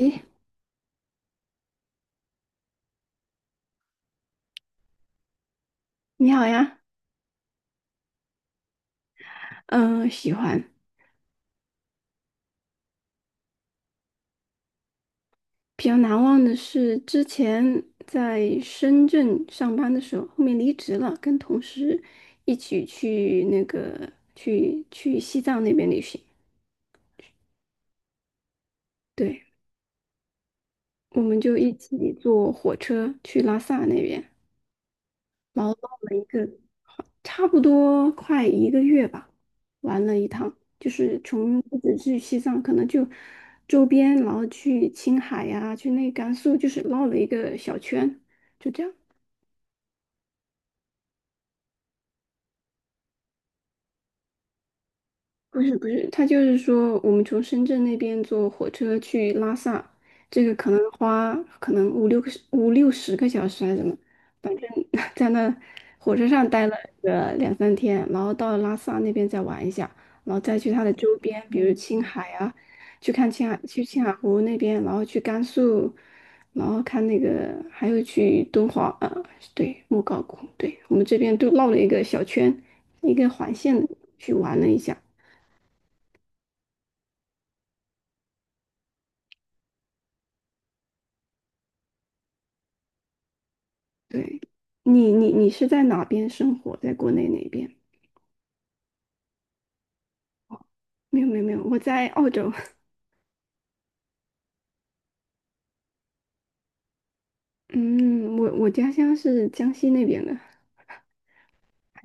诶，你好呀，嗯、喜欢。比较难忘的是之前在深圳上班的时候，后面离职了，跟同事一起去西藏那边旅行。对，我们就一起坐火车去拉萨那边，然后弄了一个差不多快一个月吧，玩了一趟，就是从不止去西藏，可能就周边，然后去青海呀、去那甘肃，就是绕了一个小圈，就这样。不是不是，他就是说，我们从深圳那边坐火车去拉萨，这个可能花五六个五六十个小时还是怎么，反正 在那火车上待了个两三天，然后到拉萨那边再玩一下，然后再去它的周边，比如青海啊，去看青海，去青海湖那边，然后去甘肃，然后看那个，还有去敦煌啊，对，莫高窟，对，我们这边都绕了一个小圈，一个环线去玩了一下。对，你是在哪边生活？在国内哪边？没有没有没有，我在澳洲。嗯，我家乡是江西那边的，还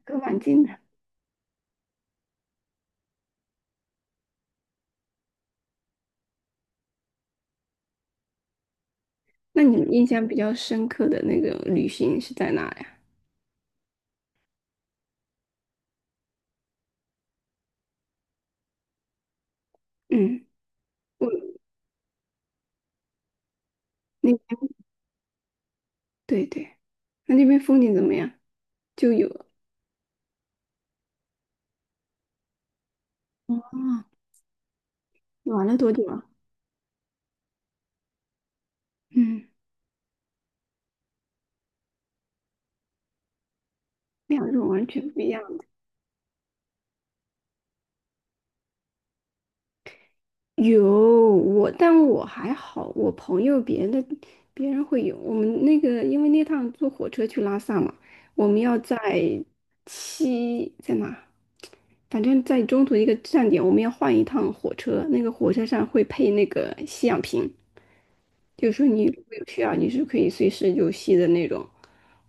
都蛮近的。那你们印象比较深刻的那个旅行是在哪呀？嗯，我那边对对，那边风景怎么样？就有啊，玩了多久啊？嗯，两种完全不一样。有我，但我还好，我朋友别人的别人会有。我们那个，因为那趟坐火车去拉萨嘛，我们要在七在哪？反正在中途一个站点，我们要换一趟火车，那个火车上会配那个吸氧瓶。就是说你如果有需要，你是可以随时就吸的那种。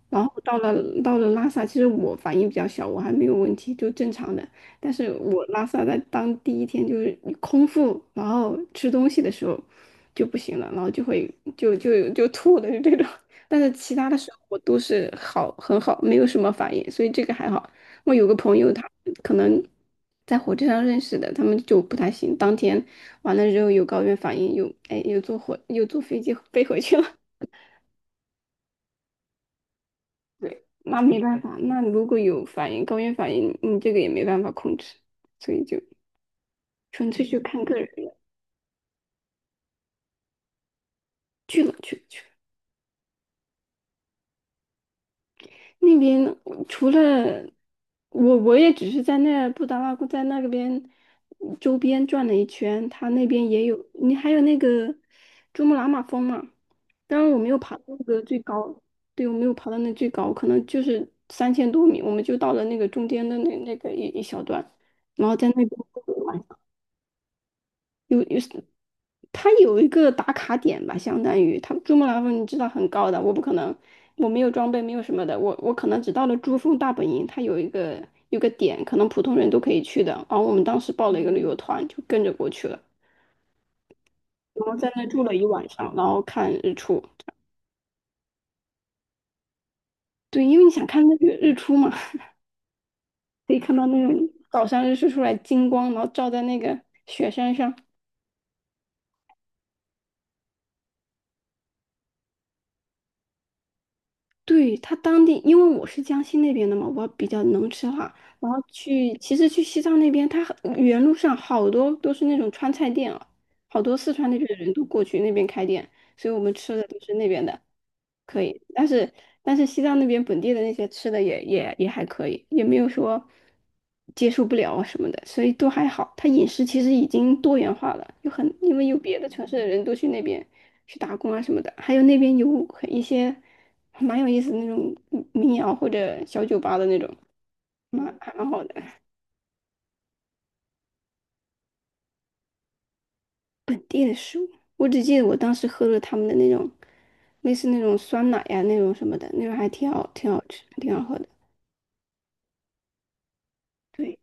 然后到了拉萨，其实我反应比较小，我还没有问题，就正常的。但是我拉萨在当第一天就是空腹，然后吃东西的时候就不行了，然后就会就吐的这种。但是其他的时候我都是很好，没有什么反应，所以这个还好。我有个朋友他可能在火车上认识的，他们就不太行，当天完了之后有高原反应，有哎有坐火有坐飞机飞回去了。对，那没办法，那如果有反应，高原反应，你这个也没办法控制，所以就纯粹就看个人了。去了去了去了。那边除了我，我也只是在那布达拉宫在那个边周边转了一圈，它那边也有，你还有那个珠穆朗玛峰嘛。当然我没有爬到那个最高，对，我没有爬到那最高，可能就是3000多米，我们就到了那个中间的那个一小段，然后在那边。有，它有一个打卡点吧，相当于它珠穆朗玛峰，你知道很高的，我不可能，我没有装备，没有什么的，我可能只到了珠峰大本营，它有一个点，可能普通人都可以去的。然后我们当时报了一个旅游团，就跟着过去了，然后在那住了一晚上，然后看日出。对，因为你想看那个日出嘛，可以看到那种早上日出出来金光，然后照在那个雪山上。对，他当地，因为我是江西那边的嘛，我比较能吃辣。然后去，其实去西藏那边，他原路上好多都是那种川菜店啊，好多四川那边的人都过去那边开店，所以我们吃的都是那边的。可以，但是西藏那边本地的那些吃的也还可以，也没有说接受不了啊什么的，所以都还好。他饮食其实已经多元化了，有很因为有别的城市的人都去那边去打工啊什么的，还有那边有很一些还蛮有意思的那种民谣或者小酒吧的那种，蛮好的本地的食物。我只记得我当时喝了他们的那种类似那种酸奶呀、那种什么的，那种还挺好吃，挺好喝的。对。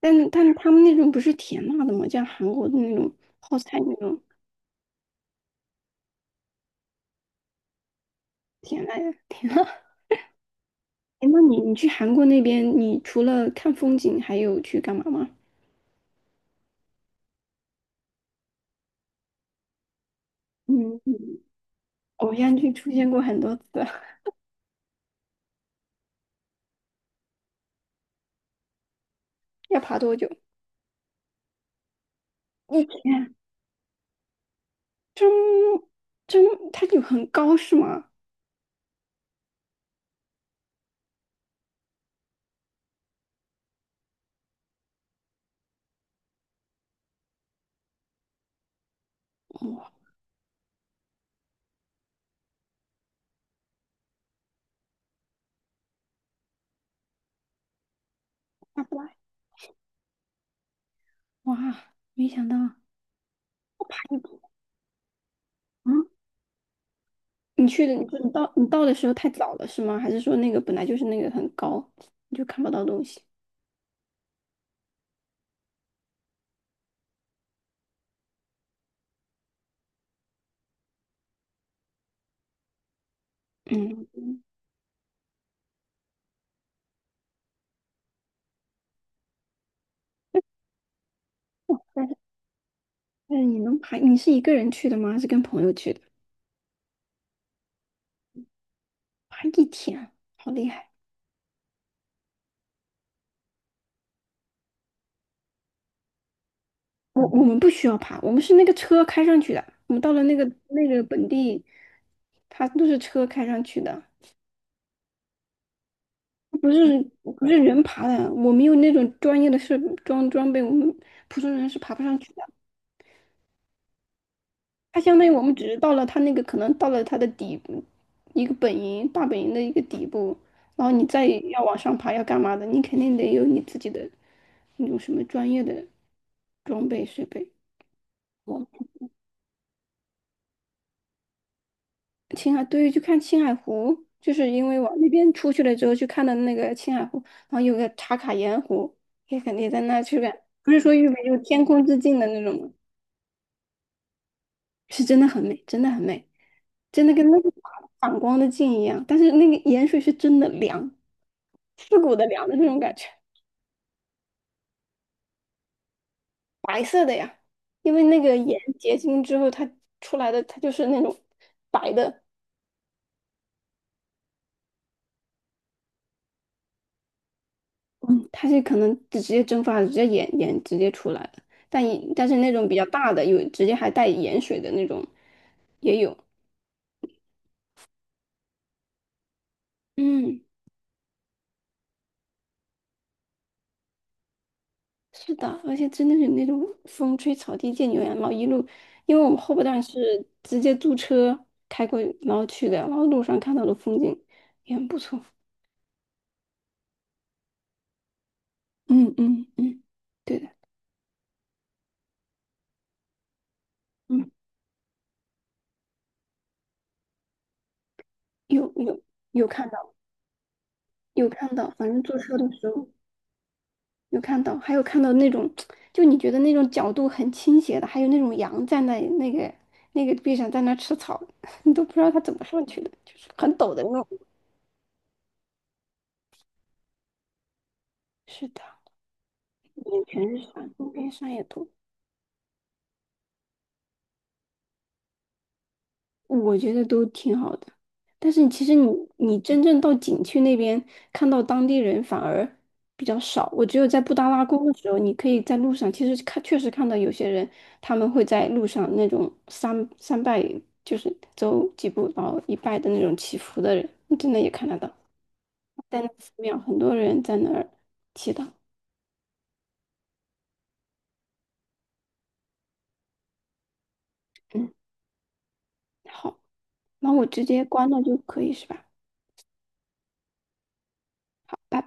但是他们那种不是甜辣的吗？像韩国的那种泡菜那种甜辣的甜辣。哎，那你去韩国那边，你除了看风景，还有去干嘛吗？嗯，偶像剧出现过很多次，要爬多久？一天。真真，它就很高是吗？哇，大不来，哇，没想到要爬一天。嗯，你去的，你说你到的时候太早了是吗？还是说那个本来就是那个很高，你就看不到东西？嗯。那你能爬？你是一个人去的吗？还是跟朋友去的？爬一天，好厉害！我们不需要爬，我们是那个车开上去的。我们到了那个本地，它都是车开上去的，不是不是人爬的。我们有那种专业的装备，我们普通人是爬不上去的。它相当于我们只是到了它那个，可能到了它的底部，一个大本营的一个底部，然后你再要往上爬要干嘛的，你肯定得有你自己的那种什么专业的。装备水杯，我青海对，去看青海湖，就是因为往那边出去了之后去看的那个青海湖，然后有个茶卡盐湖，也肯定在那去看，不是说玉美就天空之镜的那种吗？是真的很美，真的很美，真的跟那个反光的镜一样，但是那个盐水是真的凉，刺骨的凉的那种感觉，白色的呀，因为那个盐结晶之后它出来的它就是那种白的。嗯，它是可能直接蒸发了，直接盐直接出来了，但是那种比较大的，有直接还带盐水的那种也有。嗯，是的，而且真的是那种风吹草低见牛羊毛，一路，因为我们后半段是直接租车开过去然后去的，然后路上看到的风景也很不错。嗯嗯嗯，对的，嗯，有有有看到，反正坐车的时候。有看到，还有看到那种，就你觉得那种角度很倾斜的，还有那种羊站在那个地上在那吃草，你都不知道它怎么上去的，就是很陡的那种。是的，眼全是山，路边山也多。我觉得都挺好的，但是其实你真正到景区那边看到当地人反而比较少。我只有在布达拉宫的时候，你可以在路上，其实看确实看到有些人他们会在路上那种三三拜，就是走几步然后一拜的那种祈福的人，你真的也看得到，在那寺庙很多人在那儿祈祷。嗯，好，那我直接关了就可以是吧？拜拜。